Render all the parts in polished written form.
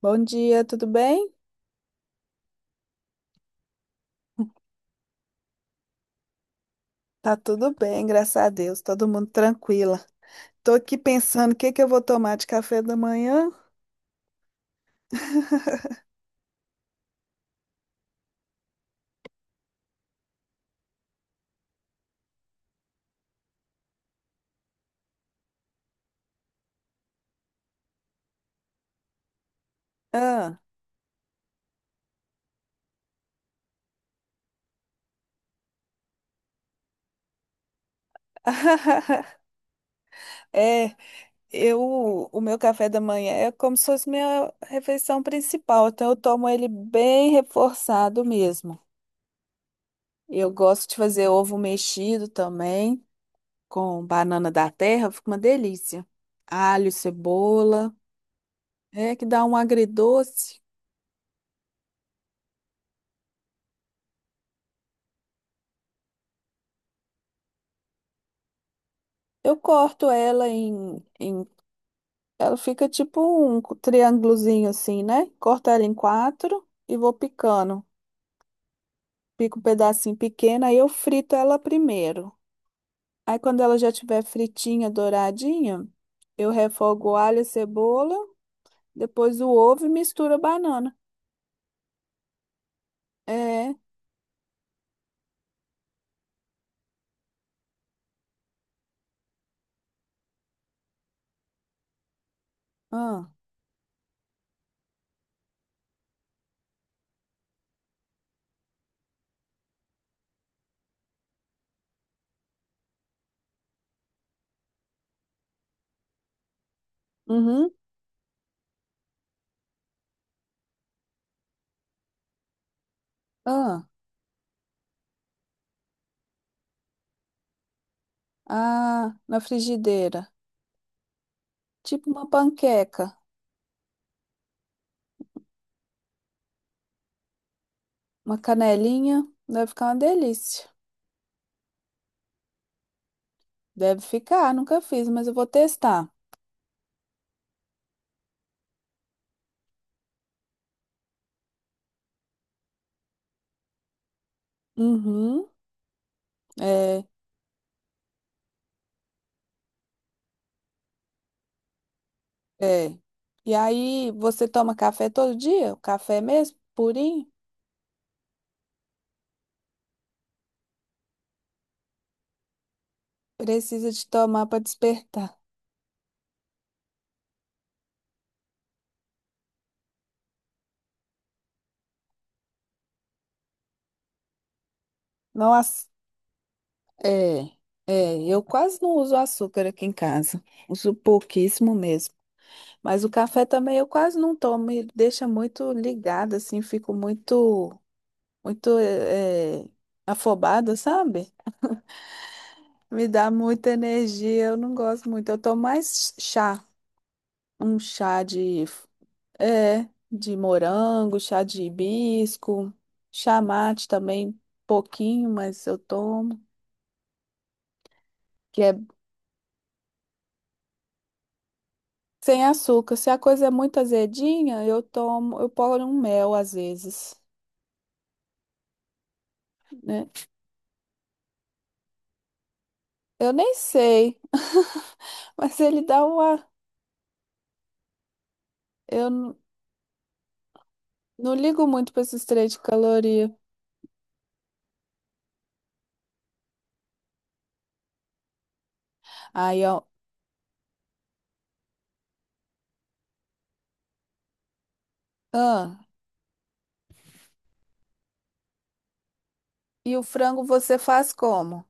Bom dia, tudo bem? Tá tudo bem, graças a Deus, todo mundo tranquila. Tô aqui pensando o que que eu vou tomar de café da manhã. Ah. É, o meu café da manhã é como se fosse minha refeição principal, então eu tomo ele bem reforçado mesmo. Eu gosto de fazer ovo mexido também, com banana da terra, fica uma delícia. Alho, cebola, é que dá um agridoce. Eu corto ela ela fica tipo um triângulozinho assim, né? Corto ela em quatro e vou picando. Pico um pedacinho pequeno, aí eu frito ela primeiro. Aí quando ela já tiver fritinha, douradinha, eu refogo o alho e cebola, depois o ovo e misturo a banana. É, ah, uhum, ah, ah, na frigideira. Tipo uma panqueca, uma canelinha, deve ficar uma delícia. Deve ficar, nunca fiz, mas eu vou testar. Uhum, é. É. E aí, você toma café todo dia? O café é mesmo, purinho? Precisa de tomar para despertar. Nossa, é. É, eu quase não uso açúcar aqui em casa. Uso pouquíssimo mesmo. Mas o café também eu quase não tomo. Ele deixa muito ligado, assim, fico muito, muito afobada, sabe? Me dá muita energia, eu não gosto muito. Eu tomo mais chá, um chá de morango, chá de hibisco, chá mate também, pouquinho, mas eu tomo, que é sem açúcar. Se a coisa é muito azedinha, eu ponho um mel às vezes, né? Eu nem sei, mas ele dá uma. Eu não ligo muito para esses três de caloria. Aí, ó. Ah, e o frango você faz como?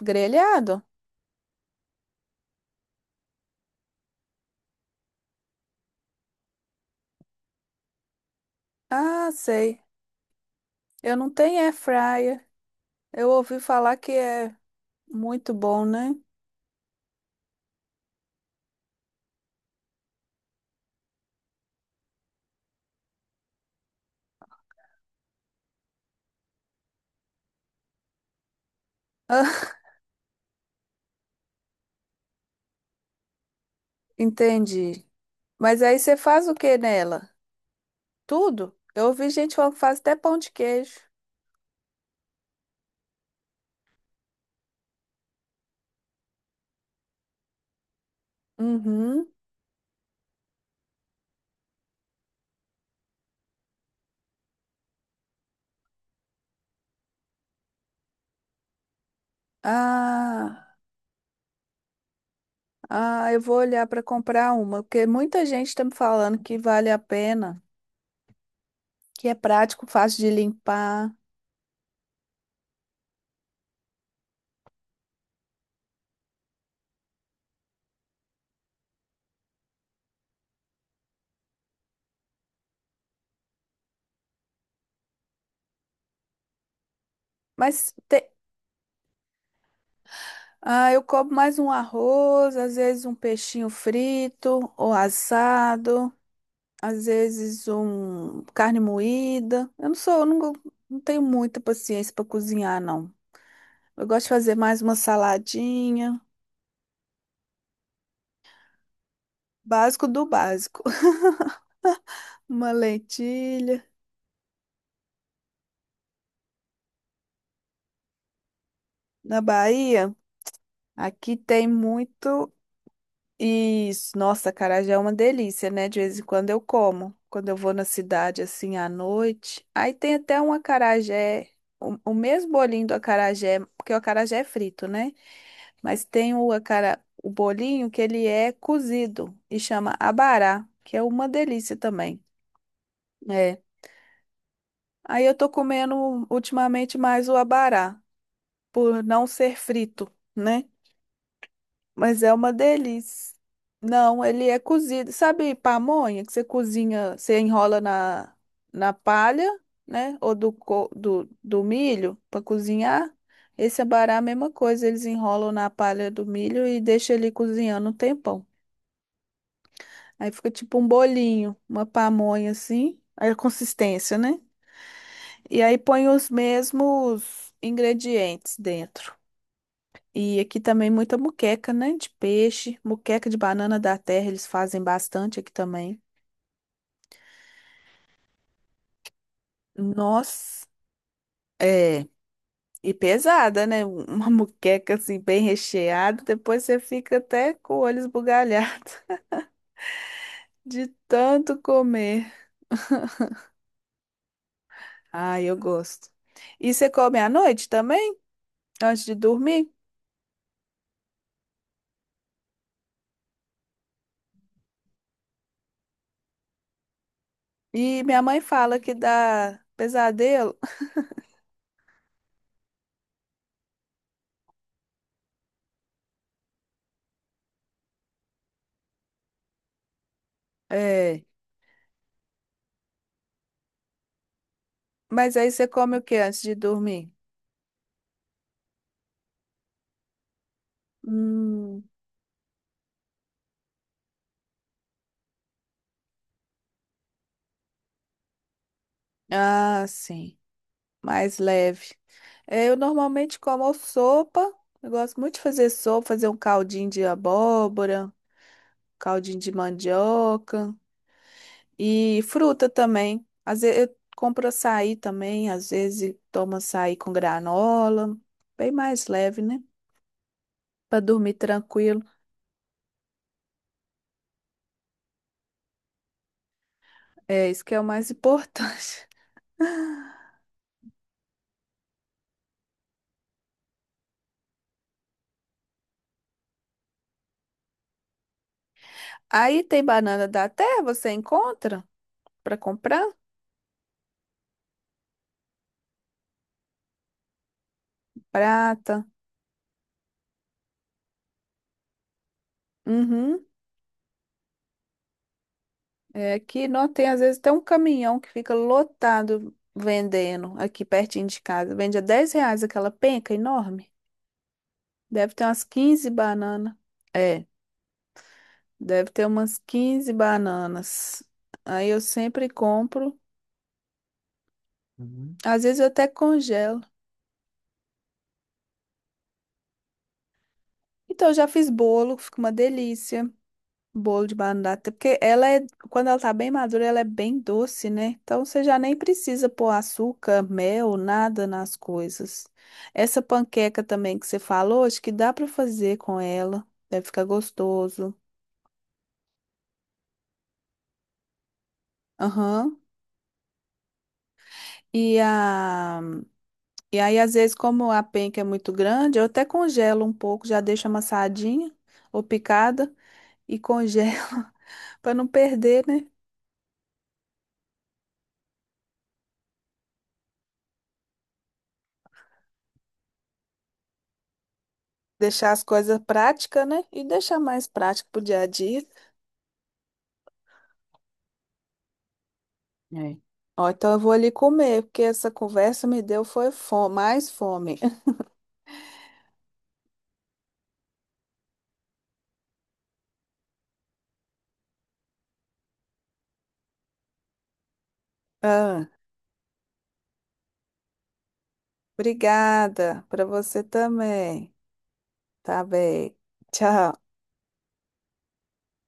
Grelhado? Ah, sei. Eu não tenho air fryer. Eu ouvi falar que é muito bom, né? Entendi. Mas aí você faz o que nela? Tudo? Eu ouvi gente falando que faz até pão de queijo. Uhum. Ah, ah, eu vou olhar para comprar uma, porque muita gente está me falando que vale a pena, que é prático, fácil de limpar. Mas ah, eu como mais um arroz, às vezes um peixinho frito ou assado, às vezes um carne moída. Eu não sou, eu não, não tenho muita paciência para cozinhar, não. Eu gosto de fazer mais uma saladinha, básico do básico. Uma lentilha. Na Bahia, aqui tem muito isso. Nossa, acarajé é uma delícia, né? De vez em quando eu como. Quando eu vou na cidade assim à noite. Aí tem até um acarajé, o mesmo bolinho do acarajé, porque o acarajé é frito, né? Mas tem o bolinho que ele é cozido e chama abará, que é uma delícia também. É. Aí eu tô comendo ultimamente mais o abará, por não ser frito, né? Mas é uma delícia. Não, ele é cozido. Sabe pamonha que você cozinha, você enrola na palha, né? Ou do milho para cozinhar? Esse abará é a mesma coisa, eles enrolam na palha do milho e deixam ele cozinhando um tempão. Aí fica tipo um bolinho, uma pamonha assim, aí a consistência, né? E aí põe os mesmos ingredientes dentro. E aqui também muita moqueca, né? De peixe, moqueca de banana da terra, eles fazem bastante aqui também. Nossa, é. E pesada, né? Uma moqueca assim, bem recheada. Depois você fica até com o olho esbugalhado de tanto comer. Ai, eu gosto. E você come à noite também, antes de dormir? E minha mãe fala que dá pesadelo. É. Mas aí você come o que antes de dormir? Hum, ah, sim, mais leve. É, eu normalmente como sopa. Eu gosto muito de fazer sopa, fazer um caldinho de abóbora, caldinho de mandioca e fruta também. Às vezes eu compro açaí também, às vezes tomo açaí com granola, bem mais leve, né? Para dormir tranquilo. É isso que é o mais importante. Aí tem banana da terra, você encontra para comprar? Prata. Uhum. É, aqui não tem, às vezes, até um caminhão que fica lotado vendendo aqui pertinho de casa. Vende a R$ 10 aquela penca enorme. Deve ter umas 15 bananas. É, deve ter umas 15 bananas. Aí eu sempre compro. Às vezes eu até congelo. Então, eu já fiz bolo, fica uma delícia. Bolo de banana, porque quando ela tá bem madura, ela é bem doce, né? Então você já nem precisa pôr açúcar, mel, nada nas coisas. Essa panqueca também que você falou, acho que dá pra fazer com ela, deve ficar gostoso. Aham. E a e aí às vezes como a penca é muito grande, eu até congelo um pouco, já deixo amassadinha ou picada e congelo pra não perder, né? Deixar as coisas práticas, né? E deixar mais prático pro dia a dia. É. Ó, então eu vou ali comer, porque essa conversa me deu foi fome, mais fome. Ah, obrigada para você também. Tá bem. Tchau.